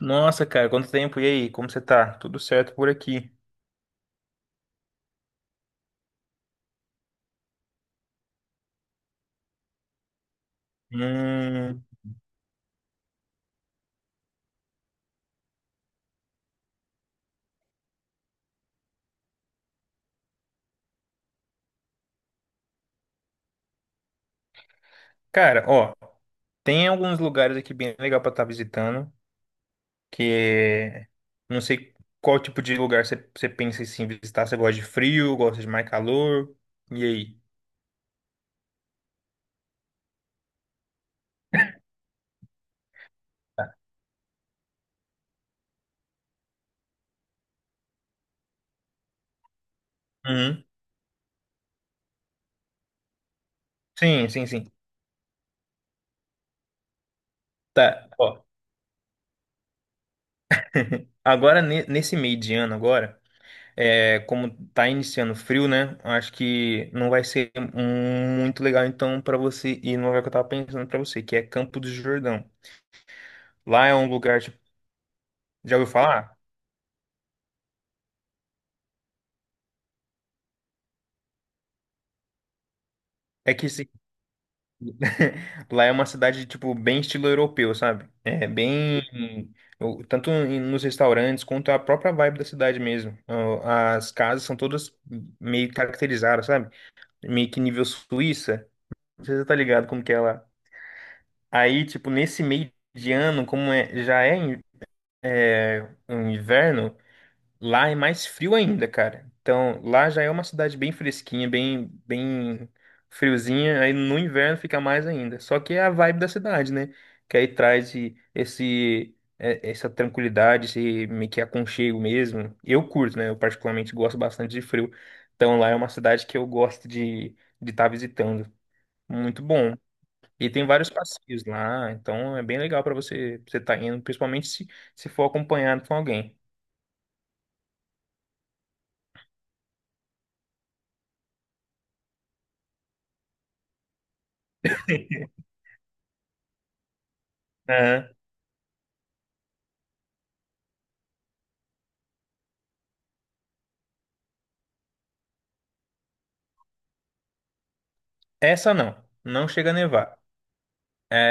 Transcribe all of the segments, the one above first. Nossa, cara, quanto tempo? E aí, como você tá? Tudo certo por aqui? Hum, cara, ó, tem alguns lugares aqui bem legal pra estar visitando, que não sei qual tipo de lugar você pensa em sim, visitar. Você gosta de frio, gosta de mais calor? E aí? Uhum. Sim, sim, sim. Tá, ó, agora nesse meio de ano agora, é, como tá iniciando frio, né? Acho que não vai ser muito legal então pra você ir no lugar que eu tava pensando pra você, que é Campo do Jordão. Lá é um lugar, tipo, já ouviu falar? É que se- lá é uma cidade, tipo, bem estilo europeu, sabe? É bem. Tanto nos restaurantes quanto a própria vibe da cidade mesmo. Ó, as casas são todas meio caracterizadas, sabe? Meio que nível Suíça. Não sei se você tá ligado como que é lá. Aí, tipo, nesse meio de ano, como é, já é, é um inverno, lá é mais frio ainda, cara. Então, lá já é uma cidade bem fresquinha, bem, bem friozinha. Aí no inverno fica mais ainda. Só que é a vibe da cidade, né? Que aí traz esse, essa tranquilidade, esse meio que aconchego mesmo. Eu curto, né? Eu particularmente gosto bastante de frio. Então, lá é uma cidade que eu gosto de estar visitando. Muito bom. E tem vários passeios lá. Então, é bem legal para você estar indo, principalmente se, se for acompanhado com alguém. Essa não, não chega a nevar.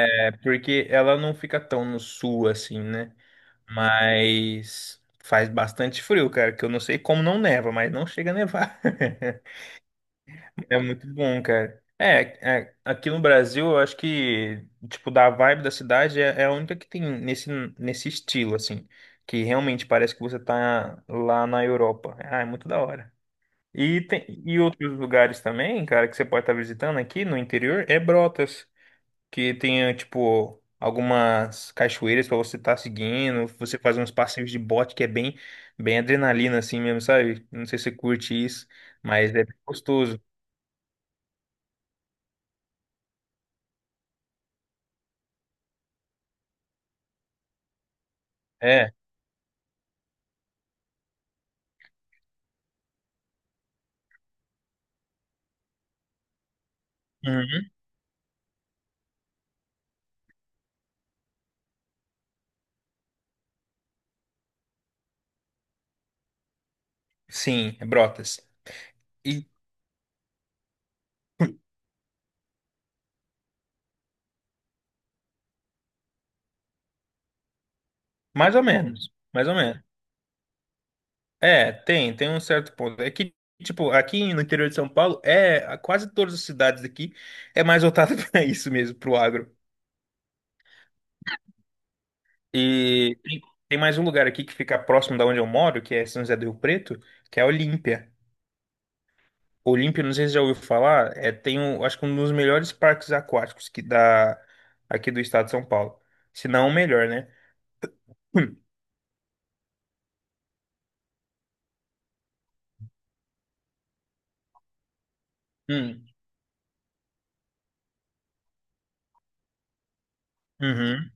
É porque ela não fica tão no sul assim, né? Mas faz bastante frio, cara, que eu não sei como não neva, mas não chega a nevar. É muito bom, cara. É, é, aqui no Brasil, eu acho que, tipo, da vibe da cidade é, é a única que tem nesse, nesse estilo, assim, que realmente parece que você tá lá na Europa. Ah, é muito da hora. E, tem, e outros lugares também, cara, que você pode estar visitando aqui no interior é Brotas. Que tenha, tipo, algumas cachoeiras pra você estar seguindo, você fazer uns passeios de bote que é bem, bem adrenalina assim mesmo, sabe? Não sei se você curte isso, mas é bem gostoso. É. Uhum. Sim, é Brotas. E mais ou menos, mais ou menos. É, tem, tem um certo ponto. É que, tipo, aqui no interior de São Paulo, é, a quase todas as cidades aqui é mais voltada para isso mesmo, pro agro. E tem mais um lugar aqui que fica próximo da onde eu moro, que é São José do Rio Preto, que é Olímpia. Olímpia, não sei se você já ouviu falar, é, tem um, acho que um dos melhores parques aquáticos que dá aqui do estado de São Paulo. Se não o melhor, né? Hum. Hum. Uhum.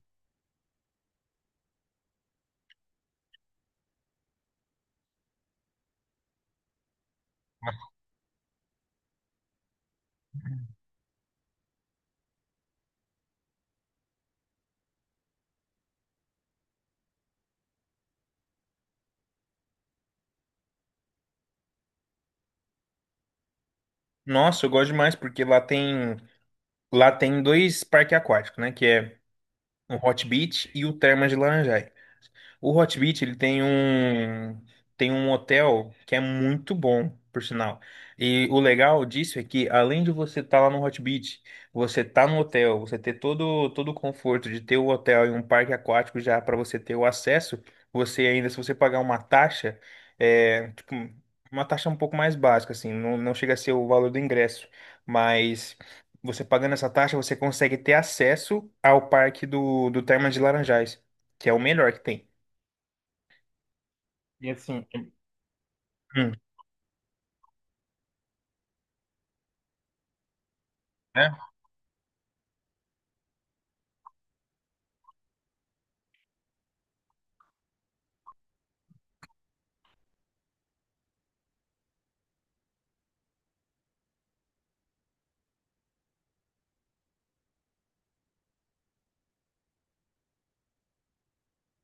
Nossa, eu gosto demais porque lá tem dois parques aquáticos, né? Que é o Hot Beach e o Termas de Laranjais. O Hot Beach, ele tem tem um hotel que é muito bom, por sinal. E o legal disso é que além de você estar lá no Hot Beach, você tá no hotel, você ter todo o conforto de ter o hotel e um parque aquático já para você ter o acesso, você ainda se você pagar uma taxa, é, tipo, uma taxa um pouco mais básica assim, não, não chega a ser o valor do ingresso, mas você pagando essa taxa, você consegue ter acesso ao parque do Termas de Laranjais, que é o melhor que tem. E assim, hum, né?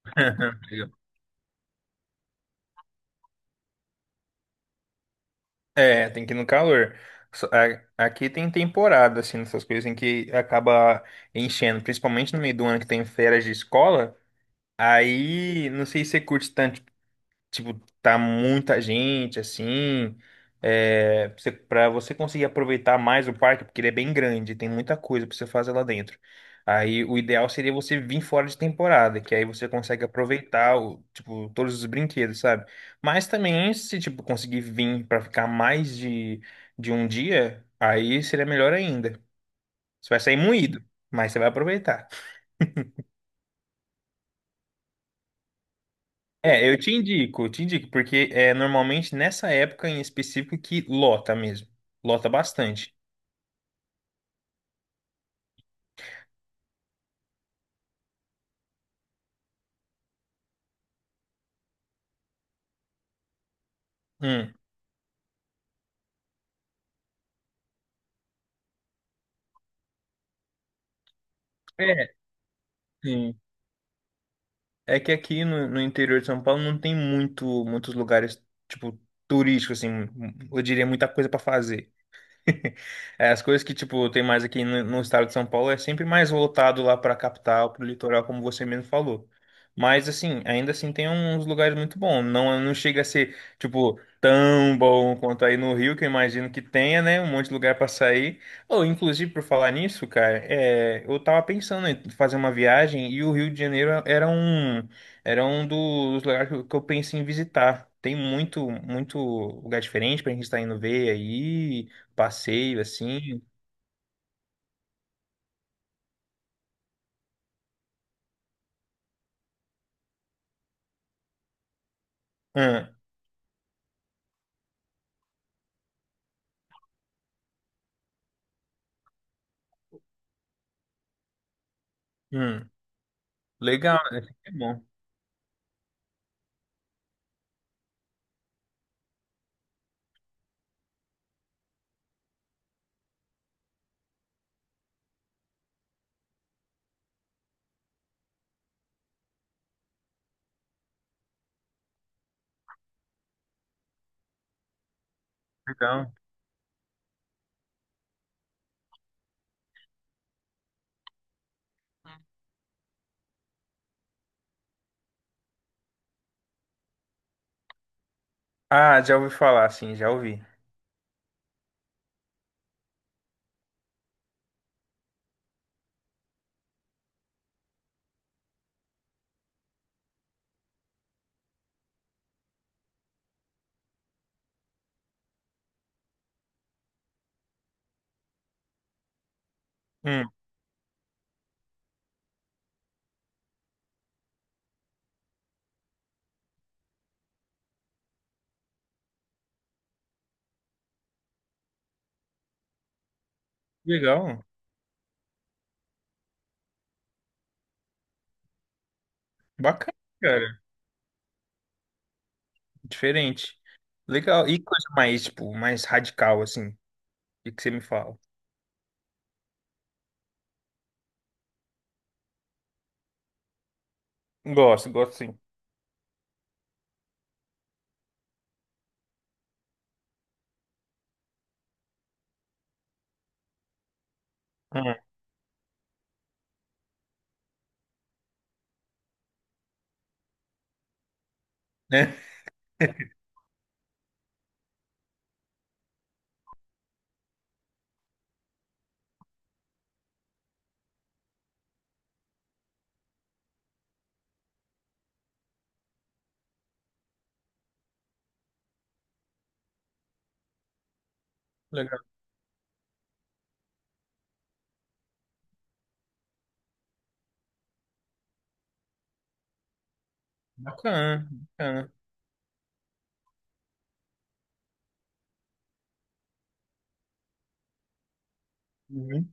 Obrigado. É, tem que ir no calor. Aqui tem temporada, assim, nessas coisas em que acaba enchendo, principalmente no meio do ano que tem férias de escola. Aí, não sei se você curte tanto, tipo, tá muita gente, assim, é, você, pra você conseguir aproveitar mais o parque, porque ele é bem grande, tem muita coisa pra você fazer lá dentro. Aí o ideal seria você vir fora de temporada, que aí você consegue aproveitar o, tipo, todos os brinquedos, sabe? Mas também, se tipo, conseguir vir pra ficar mais de um dia, aí seria melhor ainda. Você vai sair moído, mas você vai aproveitar. É, eu te indico, porque é normalmente nessa época em específico que lota mesmo. Lota bastante. Hum. É, sim. É que aqui no interior de São Paulo não tem muito, muitos lugares, tipo, turísticos, assim, eu diria muita coisa pra fazer. É, as coisas que, tipo, tem mais aqui no estado de São Paulo é sempre mais voltado lá para a capital, para o litoral, como você mesmo falou. Mas, assim, ainda assim tem uns lugares muito bons. Não, não chega a ser, tipo, tão bom quanto aí no Rio, que eu imagino que tenha, né? Um monte de lugar para sair. Ou, inclusive, por falar nisso, cara, é, eu tava pensando em fazer uma viagem e o Rio de Janeiro era um dos lugares que eu pensei em visitar. Tem muito, muito lugar diferente pra gente estar indo ver aí passeio assim. Hum, hum. Legal, né? É bom, legal. Ah, já ouvi falar, sim, já ouvi. Hum, legal, bacana, cara, diferente. Legal, e coisa mais, tipo, mais radical, assim, o que você me fala? Gosto, gosto sim. Hum, né? Legal, bacana, bacana. Muito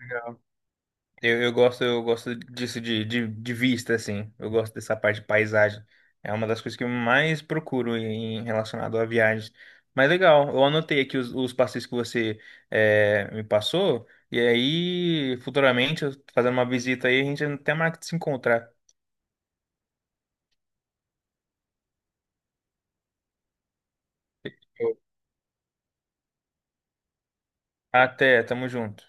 legal. Eu gosto, eu gosto disso de vista, assim. Eu gosto dessa parte de paisagem. É uma das coisas que eu mais procuro em relacionado a viagens. Mas legal, eu anotei aqui os passeios que você eh, me passou. E aí, futuramente, eu fazendo uma visita aí, a gente até marca de se encontrar. Até, tamo junto.